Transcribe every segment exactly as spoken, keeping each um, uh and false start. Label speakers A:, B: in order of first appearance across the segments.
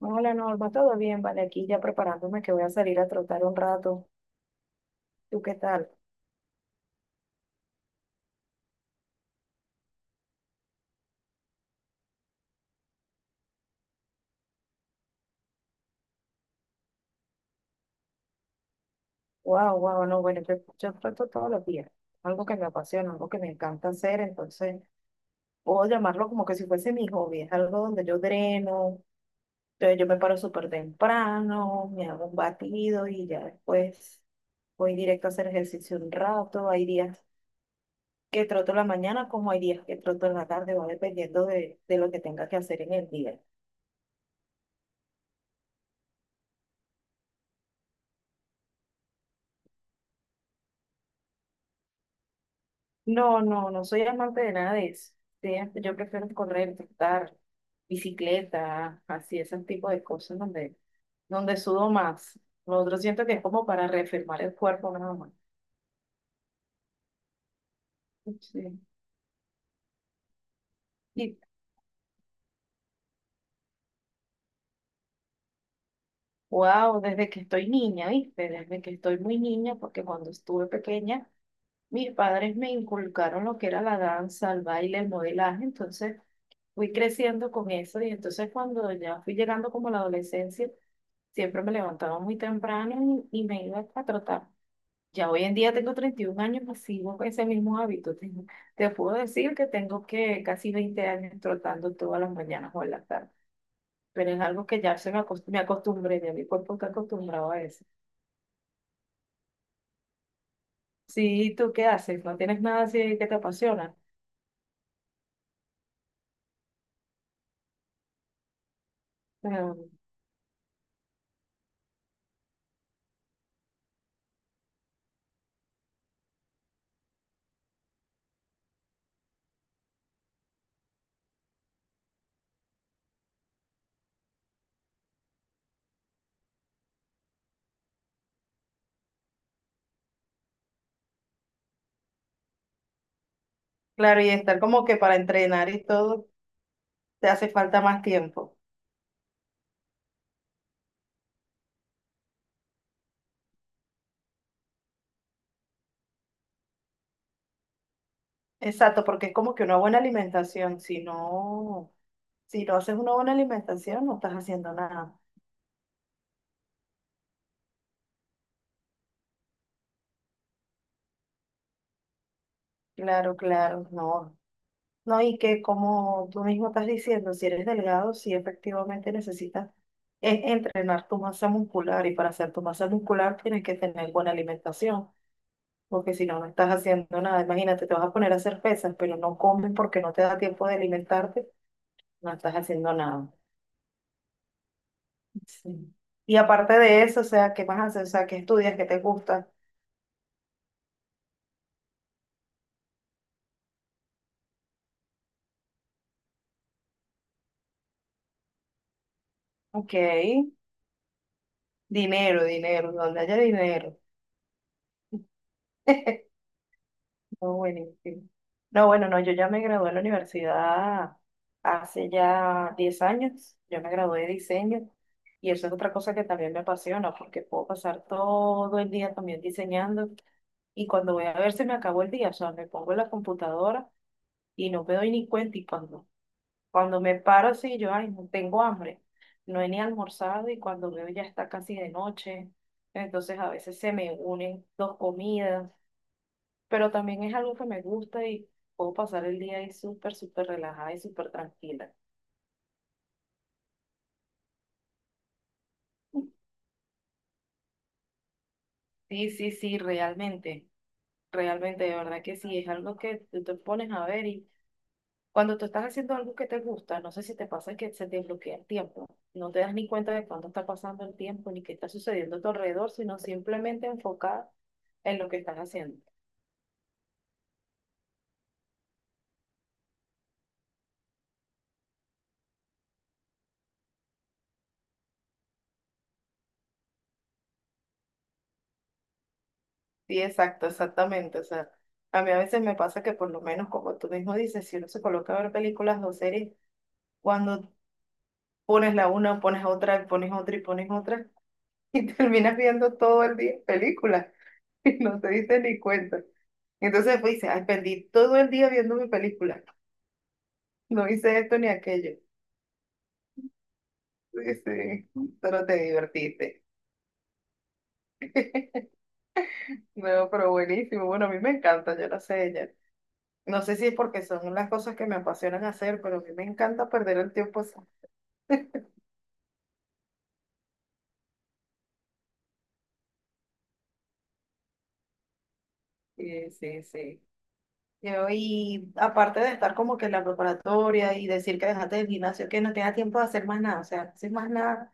A: Hola Norma, todo bien, vale, aquí ya preparándome que voy a salir a trotar un rato. ¿Tú qué tal? Wow, wow, no, bueno, yo, yo troto todos los días, algo que me apasiona, algo que me encanta hacer, entonces puedo llamarlo como que si fuese mi hobby, es algo donde yo dreno, entonces yo me paro súper temprano, me hago un batido y ya después voy directo a hacer ejercicio un rato, hay días que troto en la mañana como hay días que troto en la tarde, va dependiendo de, de lo que tenga que hacer en el día. No, no, no soy amante de nada de eso. Sí, yo prefiero correr, trotar, bicicleta, así, ese tipo de cosas donde, donde sudo más. Lo otro siento que es como para reafirmar el cuerpo nada más. Sí. Y wow, desde que estoy niña, ¿viste? Desde que estoy muy niña, porque cuando estuve pequeña, mis padres me inculcaron lo que era la danza, el baile, el modelaje, entonces fui creciendo con eso y entonces cuando ya fui llegando como a la adolescencia, siempre me levantaba muy temprano y, y me iba a trotar. Ya hoy en día tengo treinta y uno años, pues sigo con ese mismo hábito. Tengo- te puedo decir que tengo que casi veinte años trotando todas las mañanas o en la tarde, pero es algo que ya se me, acost- me acostumbré, ya mi cuerpo está acostumbrado a eso. Sí, ¿y ¿tú qué haces? ¿No tienes nada así que te apasiona? Claro, claro, y estar como que para entrenar y todo, te hace falta más tiempo. Exacto, porque es como que una buena alimentación, si no, si no haces una buena alimentación, no estás haciendo nada. Claro, claro, no. No, y que como tú mismo estás diciendo, si eres delgado, sí efectivamente necesitas eh, entrenar tu masa muscular y para hacer tu masa muscular tienes que tener buena alimentación, porque si no, no estás haciendo nada. Imagínate, te vas a poner a hacer pesas, pero no comes porque no te da tiempo de alimentarte, no estás haciendo nada. Sí. Y aparte de eso, o sea, ¿qué más haces? O sea, ¿qué estudias? ¿Qué te gusta? Ok, dinero, dinero, donde haya dinero. No, buenísimo. No, bueno, no, yo ya me gradué en la universidad hace ya diez años. Yo me gradué de diseño y eso es otra cosa que también me apasiona porque puedo pasar todo el día también diseñando y cuando voy a ver se me acabó el día, o sea, me pongo en la computadora y no me doy ni cuenta y cuando, cuando me paro así, yo, ay, no tengo hambre, no he ni almorzado y cuando veo ya está casi de noche, entonces a veces se me unen dos comidas pero también es algo que me gusta y puedo pasar el día ahí súper, súper relajada y súper tranquila. Sí, sí, sí, realmente, realmente, de verdad que sí, es algo que tú te pones a ver y cuando tú estás haciendo algo que te gusta, no sé si te pasa que se te bloquea el tiempo, no te das ni cuenta de cuándo está pasando el tiempo ni qué está sucediendo a tu alrededor, sino simplemente enfocada en lo que estás haciendo. Sí, exacto, exactamente, o sea, a mí a veces me pasa que por lo menos como tú mismo dices, si uno se coloca a ver películas o series, cuando pones la una, pones otra, y pones otra y pones otra, y terminas viendo todo el día películas y no te dices ni cuenta. Entonces pues dices, ay, perdí todo el día viendo mi película, no hice esto ni aquello. Sí, sí, pero te divertiste. No, pero buenísimo, bueno, a mí me encanta, yo lo sé, ya. No sé si es porque son las cosas que me apasionan hacer, pero a mí me encanta perder el tiempo así. Sí, sí, sí. Yo, y aparte de estar como que en la preparatoria y decir que dejaste el gimnasio, que no tenía tiempo de hacer más nada, o sea, no haces más nada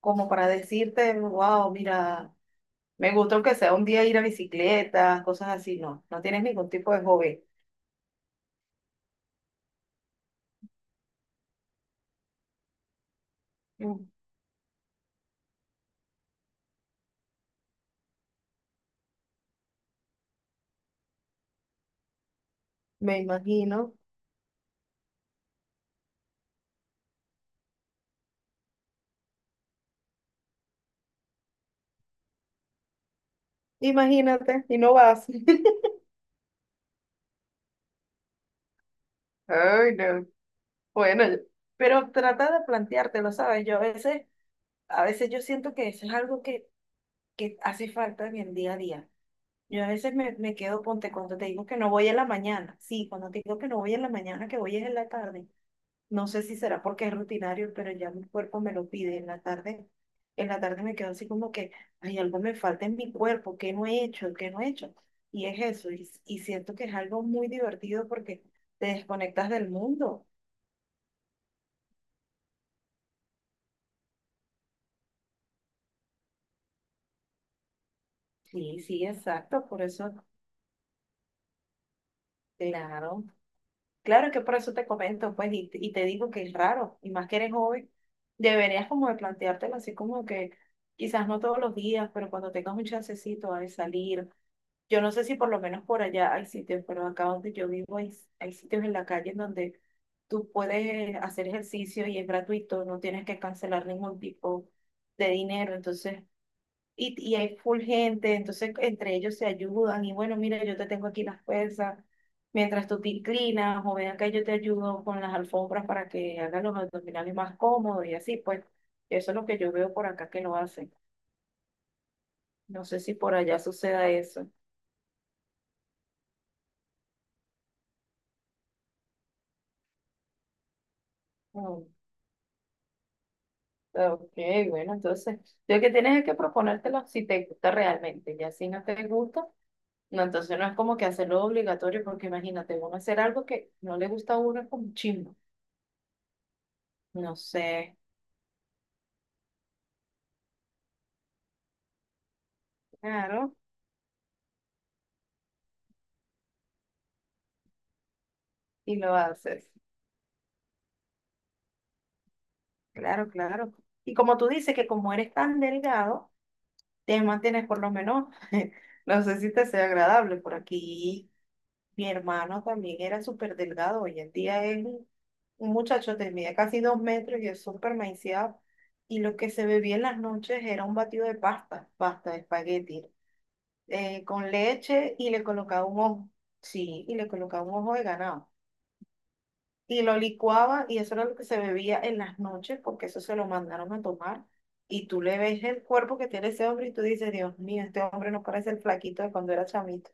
A: como para decirte, wow, mira, me gusta aunque sea un día ir a bicicleta, cosas así, no, no tienes ningún tipo de hobby. Mm, me imagino, imagínate, y no vas. Ay, no. Bueno, yo- pero trata de planteártelo, ¿sabes? Yo a veces, a veces yo siento que eso es algo que, que hace falta en el día a día. Yo a veces me, me quedo, ponte, cuando te digo que no voy en la mañana, sí, cuando te digo que no voy en la mañana, que voy es en la tarde, no sé si será porque es rutinario, pero ya mi cuerpo me lo pide en la tarde, en la tarde me quedo así como que, ay algo me falta en mi cuerpo, ¿qué no he hecho? ¿Qué no he hecho? Y es eso, y, y siento que es algo muy divertido porque te desconectas del mundo. Sí, sí, exacto, por eso, claro. Claro, es que por eso te comento, pues, y, y te digo que es raro, y más que eres joven, deberías como de planteártelo así como que quizás no todos los días, pero cuando tengas un chancecito de salir, yo no sé si por lo menos por allá hay sitios, pero acá donde yo vivo hay, hay sitios en la calle en donde tú puedes hacer ejercicio y es gratuito, no tienes que cancelar ningún tipo de dinero, entonces y, y hay full gente, entonces entre ellos se ayudan y bueno, mira, yo te tengo aquí las pesas, mientras tú te inclinas o ven acá, yo te ayudo con las alfombras para que hagan los abdominales más cómodos y así, pues eso es lo que yo veo por acá que lo hacen. No sé si por allá suceda eso. Mm, ok, bueno, entonces lo que tienes es que proponértelo si te gusta realmente, ya si no te gusta, no, entonces no es como que hacerlo obligatorio, porque imagínate, uno hacer algo que no le gusta a uno es como chimbo, no sé, claro. Y lo haces. Claro, claro. Y como tú dices que como eres tan delgado, te mantienes por lo menos, no sé si te sea agradable. Por aquí mi hermano también era súper delgado. Hoy en día es un un muchacho de mide casi dos metros y es súper maiciado. Y lo que se bebía en las noches era un batido de pasta, pasta de espagueti, eh, con leche y le colocaba un ojo. Sí, y le colocaba un ojo de ganado, y lo licuaba y eso era lo que se bebía en las noches porque eso se lo mandaron a tomar. Y tú le ves el cuerpo que tiene ese hombre y tú dices, Dios mío, este hombre no parece el flaquito de cuando era chamito.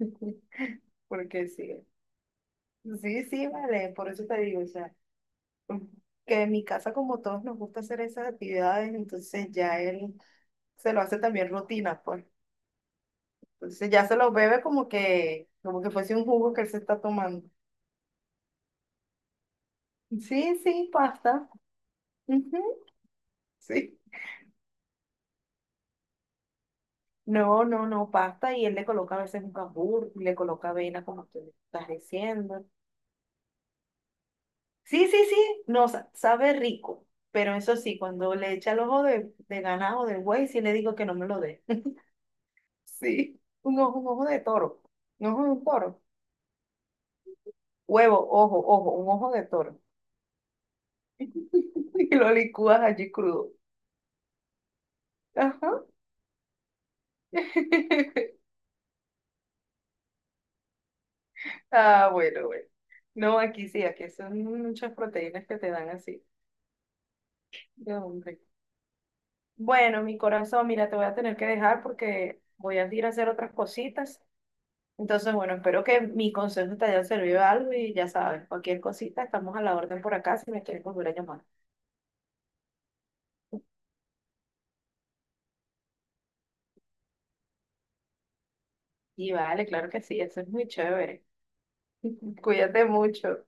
A: Porque sí, sí, sí, vale, por eso te digo, o sea, que en mi casa como todos nos gusta hacer esas actividades, entonces ya él se lo hace también rutina, pues. Entonces ya se lo bebe como que, como que fuese un jugo que él se está tomando. Sí, sí, pasta. Ujú, sí. No, no, no, pasta y él le coloca a veces un cambur, le coloca avena como tú estás diciendo. Sí, sí, sí, no, sa- sabe rico, pero eso sí, cuando le echa el ojo de, de ganado, de buey, sí le digo que no me lo dé. Sí, un ojo, un ojo de toro, un ojo de un toro, huevo, ojo, ojo, un ojo de toro. Y lo licúas allí crudo. Ajá. Ah, bueno, bueno. No, aquí sí, aquí son muchas proteínas que te dan así. No, hombre. Bueno, mi corazón, mira, te voy a tener que dejar porque voy a ir a hacer otras cositas. Entonces, bueno, espero que mi consejo te haya servido algo y ya sabes, cualquier cosita, estamos a la orden por acá si me quieres volver a llamar. Y vale, claro que sí, eso es muy chévere. Cuídate mucho.